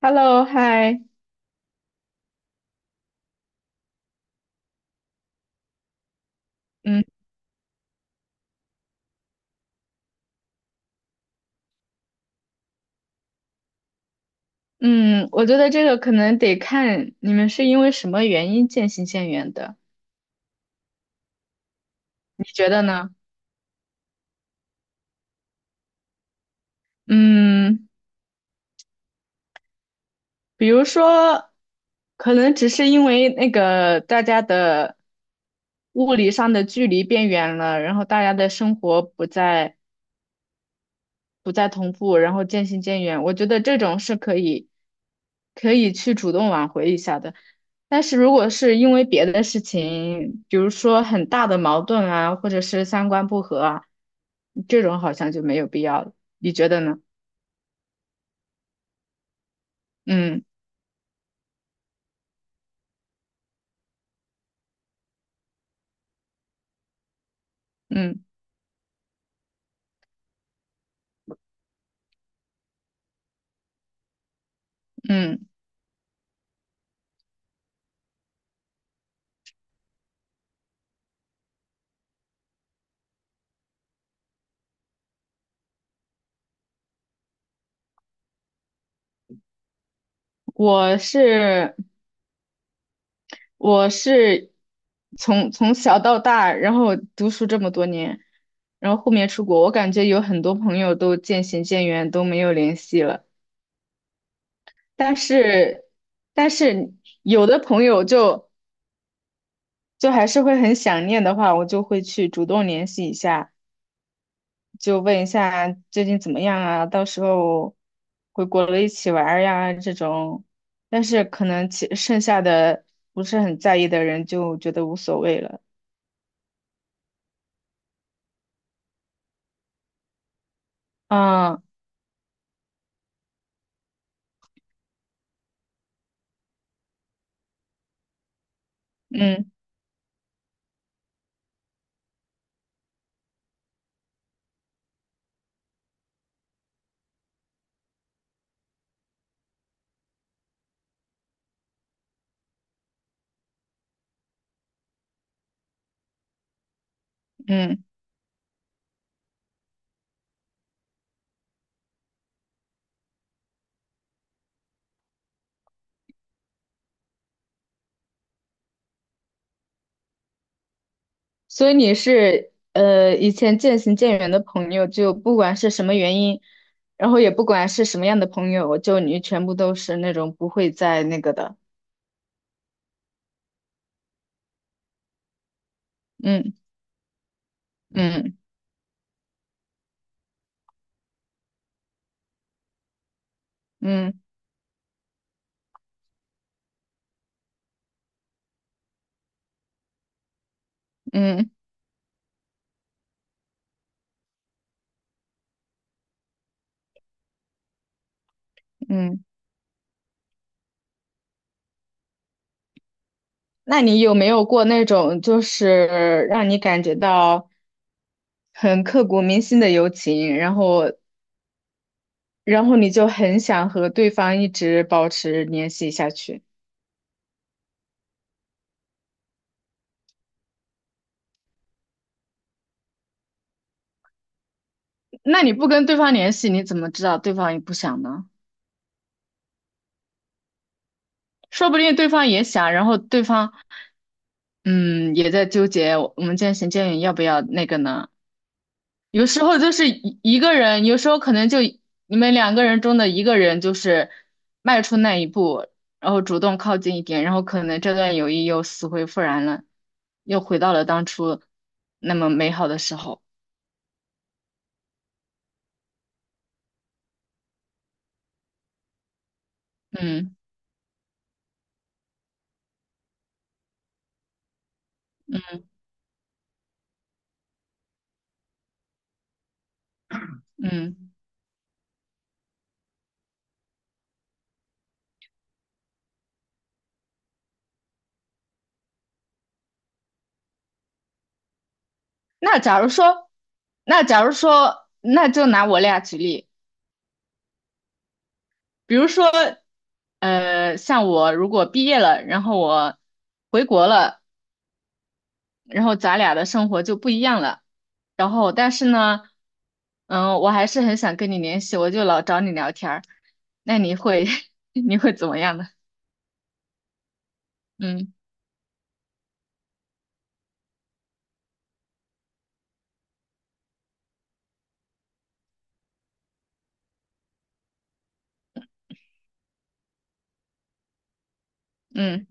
Hello，嗨，嗯嗯，我觉得这个可能得看你们是因为什么原因渐行渐远的，你觉得呢？嗯，比如说，可能只是因为那个大家的物理上的距离变远了，然后大家的生活不再同步，然后渐行渐远。我觉得这种是可以去主动挽回一下的。但是如果是因为别的事情，比如说很大的矛盾啊，或者是三观不合啊，这种好像就没有必要了。你觉得呢？嗯嗯嗯，我是我是从小到大，然后读书这么多年，然后后面出国，我感觉有很多朋友都渐行渐远，都没有联系了。但是，但是有的朋友就还是会很想念的话，我就会去主动联系一下，就问一下最近怎么样啊，到时候回国了一起玩儿呀这种。但是可能其剩下的不是很在意的人就觉得无所谓了。啊，嗯嗯。所以你是以前渐行渐远的朋友，就不管是什么原因，然后也不管是什么样的朋友，就你全部都是那种不会再那个的。嗯嗯嗯嗯嗯。那你有没有过那种就是让你感觉到很刻骨铭心的友情，然后你就很想和对方一直保持联系下去？那你不跟对方联系，你怎么知道对方也不想呢？说不定对方也想，然后对方。嗯，也在纠结我们渐行渐远要不要那个呢？有时候就是一个人，有时候可能就你们两个人中的一个人就是迈出那一步，然后主动靠近一点，然后可能这段友谊又死灰复燃了，又回到了当初那么美好的时候。嗯嗯嗯。那假如说，那假如说，那就拿我俩举例。比如说，像我如果毕业了，然后我回国了，然后咱俩的生活就不一样了。然后，但是呢，嗯，我还是很想跟你联系，我就老找你聊天儿。那你会 你会怎么样呢？嗯嗯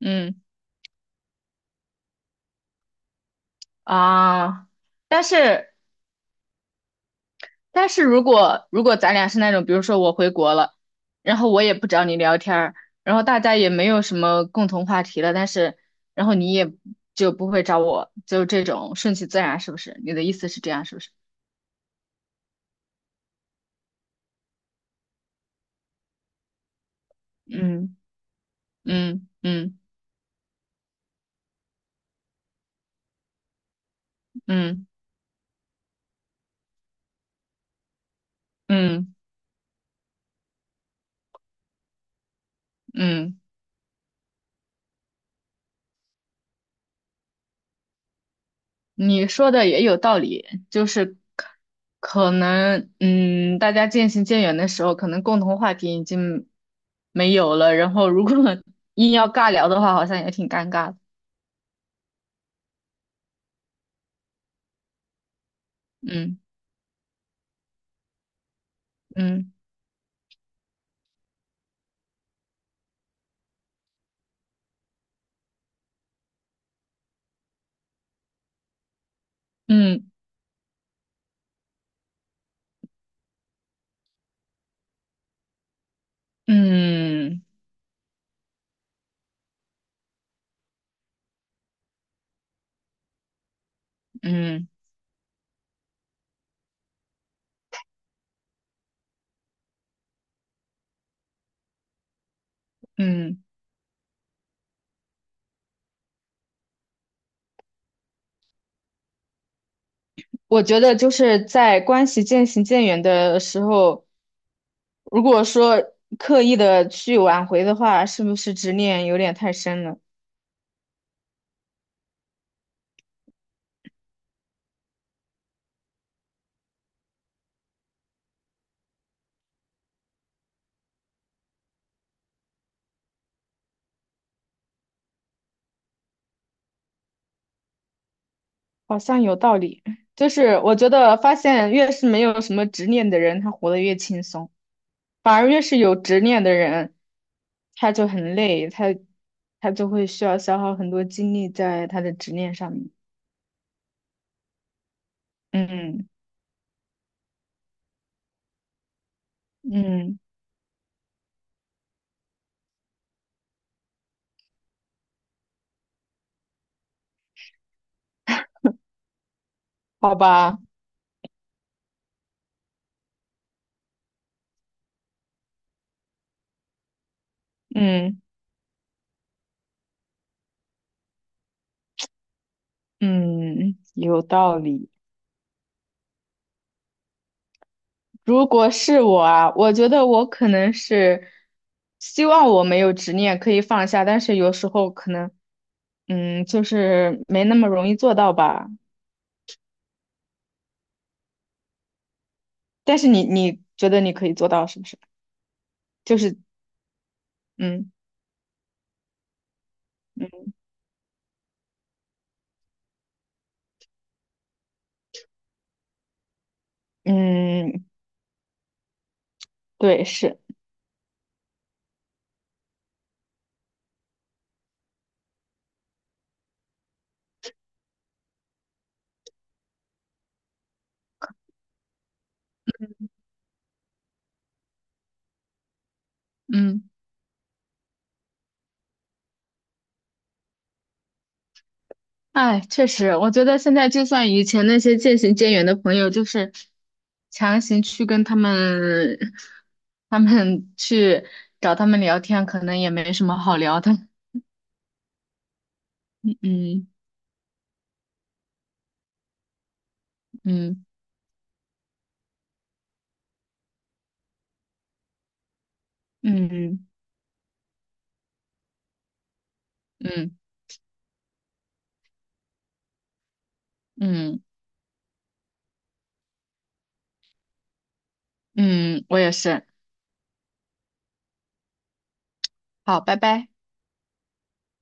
嗯啊，但是但是如果咱俩是那种，比如说我回国了，然后我也不找你聊天儿，然后大家也没有什么共同话题了，但是然后你也就不会找我，就这种顺其自然，是不是？你的意思是这样，是不是？嗯嗯嗯。嗯嗯嗯，你说的也有道理，就是可能嗯，大家渐行渐远的时候，可能共同话题已经没有了，然后如果 硬要尬聊的话，好像也挺尴尬的。嗯嗯嗯嗯嗯嗯，我觉得就是在关系渐行渐远的时候，如果说刻意的去挽回的话，是不是执念有点太深了？好像有道理。就是我觉得发现越是没有什么执念的人，他活得越轻松，反而越是有执念的人，他就很累，他就会需要消耗很多精力在他的执念上面。嗯嗯，好吧，嗯嗯，有道理。如果是我啊，我觉得我可能是希望我没有执念可以放下，但是有时候可能，嗯，就是没那么容易做到吧。但是你觉得你可以做到是不是？就是嗯嗯嗯，对，是嗯，哎，确实，我觉得现在就算以前那些渐行渐远的朋友，就是强行去跟他们，他们去找他们聊天，可能也没什么好聊的。嗯嗯嗯嗯嗯嗯，我也是。好，拜拜。